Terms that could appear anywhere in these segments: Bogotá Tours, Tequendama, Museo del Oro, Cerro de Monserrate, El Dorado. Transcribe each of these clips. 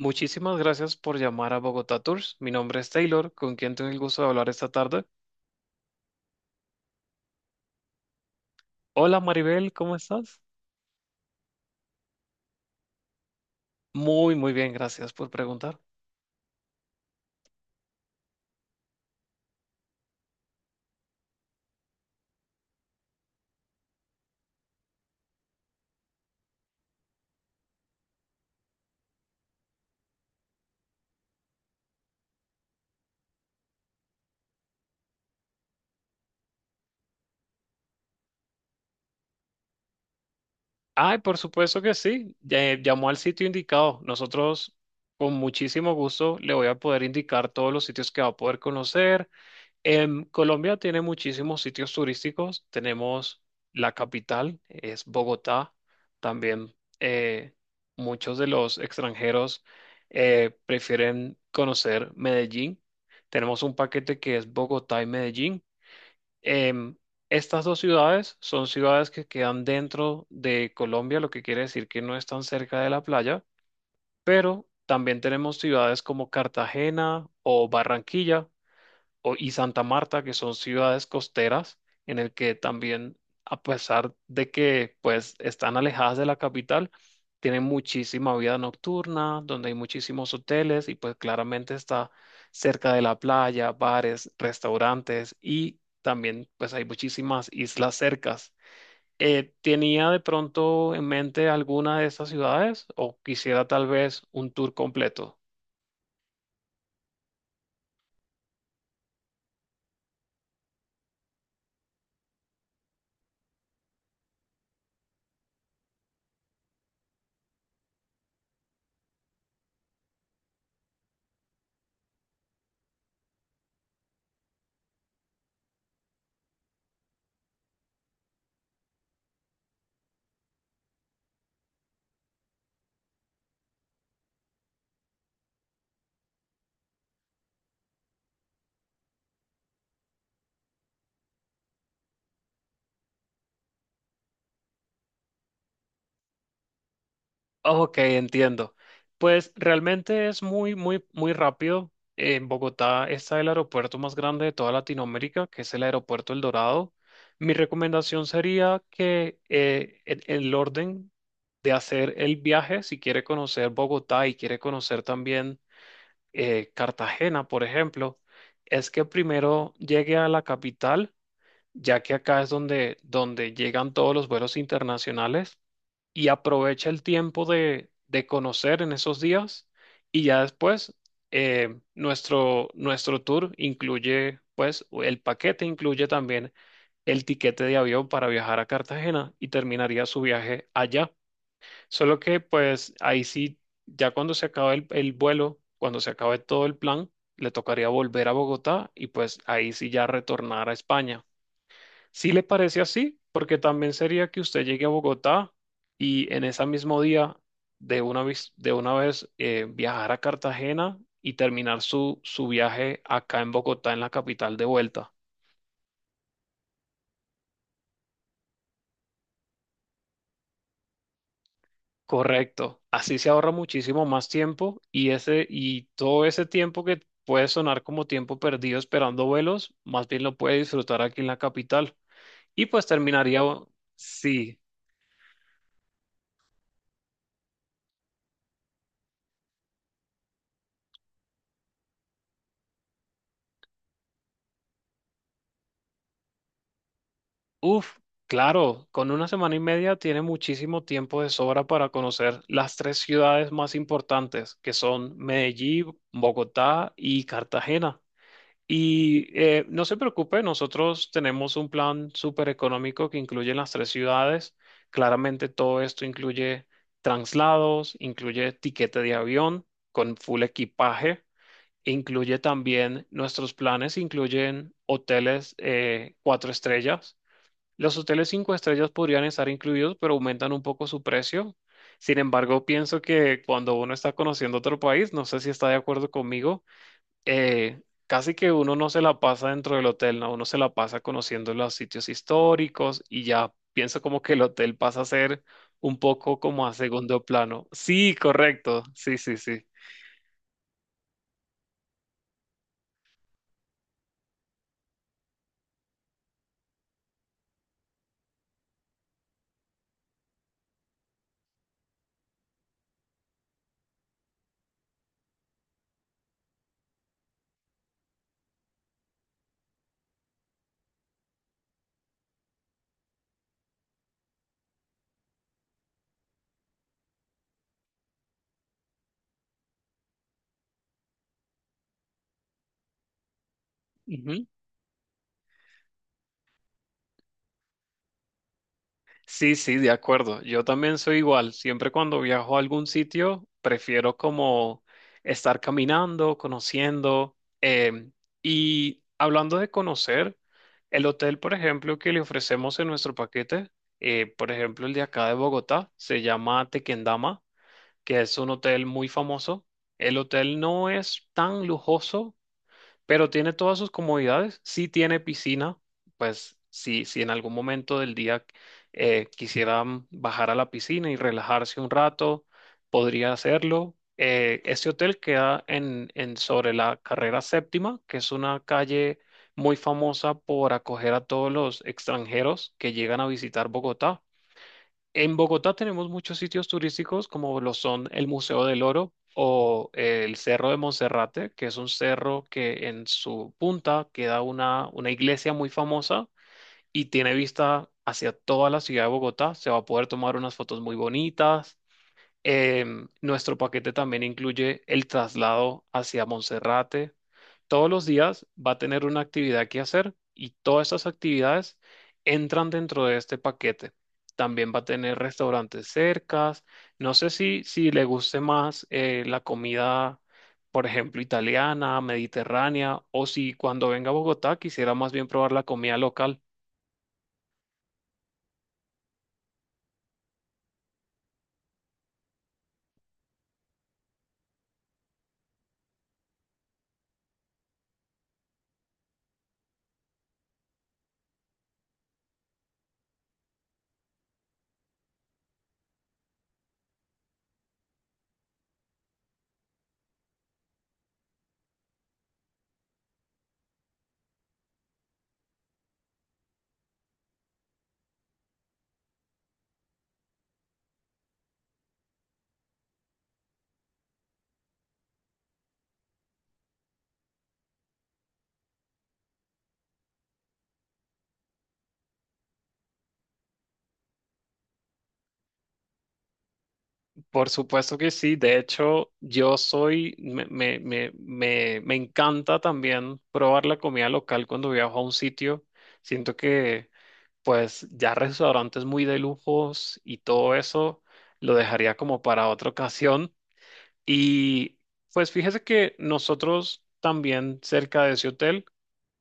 Muchísimas gracias por llamar a Bogotá Tours. Mi nombre es Taylor, con quien tengo el gusto de hablar esta tarde. Hola Maribel, ¿cómo estás? Muy, muy bien, gracias por preguntar. Ay, por supuesto que sí. Llamó al sitio indicado. Nosotros, con muchísimo gusto, le voy a poder indicar todos los sitios que va a poder conocer. Colombia tiene muchísimos sitios turísticos. Tenemos la capital, es Bogotá. También eh, muchos de los extranjeros prefieren conocer Medellín. Tenemos un paquete que es Bogotá y Medellín. Em, Estas dos ciudades son ciudades que quedan dentro de Colombia, lo que quiere decir que no están cerca de la playa, pero también tenemos ciudades como Cartagena o Barranquilla y Santa Marta, que son ciudades costeras, en el que también, a pesar de que pues están alejadas de la capital, tienen muchísima vida nocturna, donde hay muchísimos hoteles y pues claramente está cerca de la playa, bares, restaurantes y también pues hay muchísimas islas cercas. ¿Tenía de pronto en mente alguna de estas ciudades o quisiera tal vez un tour completo? Ok, entiendo. Pues realmente es muy, muy, muy rápido. En Bogotá está el aeropuerto más grande de toda Latinoamérica, que es el aeropuerto El Dorado. Mi recomendación sería que en el orden de hacer el viaje, si quiere conocer Bogotá y quiere conocer también Cartagena, por ejemplo, es que primero llegue a la capital, ya que acá es donde llegan todos los vuelos internacionales y aprovecha el tiempo de conocer en esos días y ya después nuestro tour incluye, pues el paquete incluye también el tiquete de avión para viajar a Cartagena y terminaría su viaje allá. Solo que pues ahí sí, ya cuando se acabe el vuelo, cuando se acabe todo el plan, le tocaría volver a Bogotá y pues ahí sí ya retornar a España. Si le parece así, porque también sería que usted llegue a Bogotá y en ese mismo día de una vez, viajar a Cartagena y terminar su viaje acá en Bogotá, en la capital de vuelta. Correcto. Así se ahorra muchísimo más tiempo y ese, y todo ese tiempo que puede sonar como tiempo perdido esperando vuelos, más bien lo puede disfrutar aquí en la capital. Y pues terminaría, sí. Uf, claro, con una semana y media tiene muchísimo tiempo de sobra para conocer las tres ciudades más importantes, que son Medellín, Bogotá y Cartagena. Y no se preocupe, nosotros tenemos un plan súper económico que incluye las tres ciudades. Claramente todo esto incluye traslados, incluye tiquete de avión con full equipaje. Incluye también nuestros planes, incluyen hoteles 4 estrellas. Los hoteles 5 estrellas podrían estar incluidos, pero aumentan un poco su precio. Sin embargo, pienso que cuando uno está conociendo otro país, no sé si está de acuerdo conmigo, eh, casi que uno no se la pasa dentro del hotel, ¿no? Uno se la pasa conociendo los sitios históricos y ya pienso como que el hotel pasa a ser un poco como a segundo plano. Sí, correcto. Sí, sí, sí. Sí, sí, de acuerdo. Yo también soy igual. Siempre cuando viajo a algún sitio, prefiero como estar caminando, conociendo. Y hablando de conocer, el hotel, por ejemplo, que le ofrecemos en nuestro paquete, por ejemplo, el de acá de Bogotá, se llama Tequendama, que es un hotel muy famoso. El hotel no es tan lujoso pero tiene todas sus comodidades. Sí tiene piscina, pues sí, si en algún momento del día quisieran bajar a la piscina y relajarse un rato, podría hacerlo. Este hotel queda en sobre la carrera séptima, que es una calle muy famosa por acoger a todos los extranjeros que llegan a visitar Bogotá. En Bogotá tenemos muchos sitios turísticos como lo son el Museo del Oro o el Cerro de Monserrate, que es un cerro que en su punta queda una iglesia muy famosa y tiene vista hacia toda la ciudad de Bogotá. Se va a poder tomar unas fotos muy bonitas. Nuestro paquete también incluye el traslado hacia Monserrate. Todos los días va a tener una actividad que hacer y todas estas actividades entran dentro de este paquete. También va a tener restaurantes cercas. No sé si le guste más la comida, por ejemplo, italiana, mediterránea, o si cuando venga a Bogotá quisiera más bien probar la comida local. Por supuesto que sí. De hecho, yo soy, me encanta también probar la comida local cuando viajo a un sitio. Siento que, pues, ya restaurantes muy de lujos y todo eso lo dejaría como para otra ocasión. Y, pues, fíjese que nosotros también cerca de ese hotel,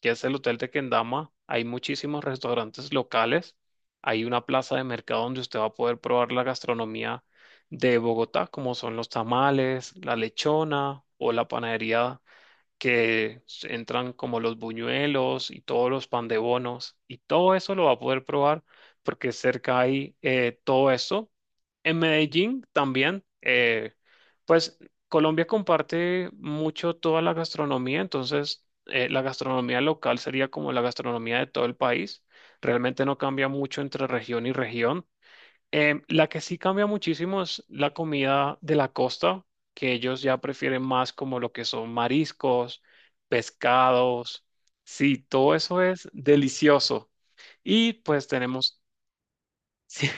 que es el hotel de Kendama, hay muchísimos restaurantes locales, hay una plaza de mercado donde usted va a poder probar la gastronomía de Bogotá, como son los tamales, la lechona o la panadería, que entran como los buñuelos y todos los pan de bonos, y todo eso lo va a poder probar porque cerca hay todo eso. En Medellín también, pues Colombia comparte mucho toda la gastronomía, entonces la gastronomía local sería como la gastronomía de todo el país. Realmente no cambia mucho entre región y región. La que sí cambia muchísimo es la comida de la costa, que ellos ya prefieren más como lo que son mariscos, pescados. Sí, todo eso es delicioso. Y pues tenemos, sí.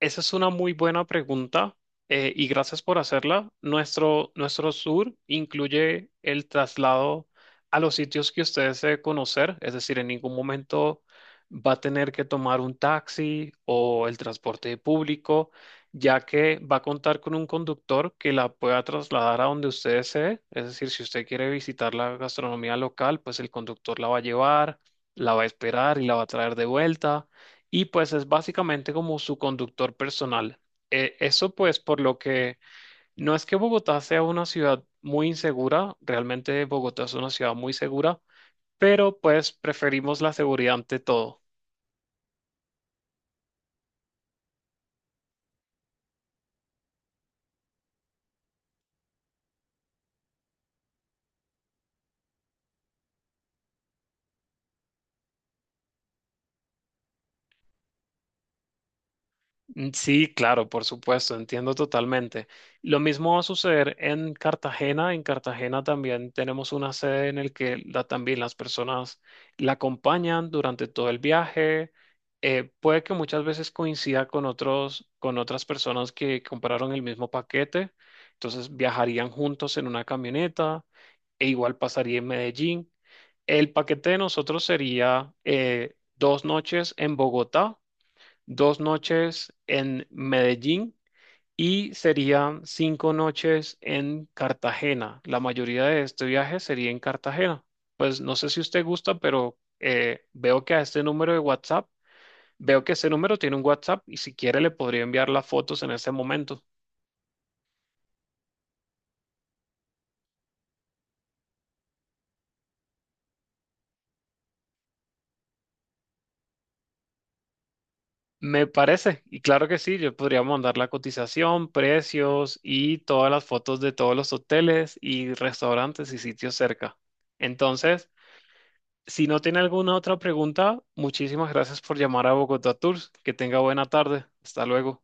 Esa es una muy buena pregunta y gracias por hacerla. Nuestro tour incluye el traslado a los sitios que usted desee conocer, es decir, en ningún momento va a tener que tomar un taxi o el transporte público, ya que va a contar con un conductor que la pueda trasladar a donde usted desee. Es decir, si usted quiere visitar la gastronomía local, pues el conductor la va a llevar, la va a esperar y la va a traer de vuelta, y pues es básicamente como su conductor personal. Eso pues por lo que no es que Bogotá sea una ciudad muy insegura, realmente Bogotá es una ciudad muy segura, pero pues preferimos la seguridad ante todo. Mm, sí, claro, por supuesto, entiendo totalmente. Lo mismo va a suceder en Cartagena. En Cartagena también tenemos una sede en el que también las personas la acompañan durante todo el viaje. Puede que muchas veces coincida con con otras personas que compraron el mismo paquete. Entonces viajarían juntos en una camioneta e igual pasaría en Medellín. El paquete de nosotros sería 2 noches en Bogotá, 2 noches en Medellín y serían 5 noches en Cartagena. La mayoría de este viaje sería en Cartagena. Pues no sé si usted gusta, pero veo que a este número de WhatsApp, veo que este número tiene un WhatsApp y si quiere le podría enviar las fotos en ese momento. Me parece, y claro que sí, yo podría mandar la cotización, precios y todas las fotos de todos los hoteles y restaurantes y sitios cerca. Entonces, si no tiene alguna otra pregunta, muchísimas gracias por llamar a Bogotá Tours. Que tenga buena tarde. Hasta luego.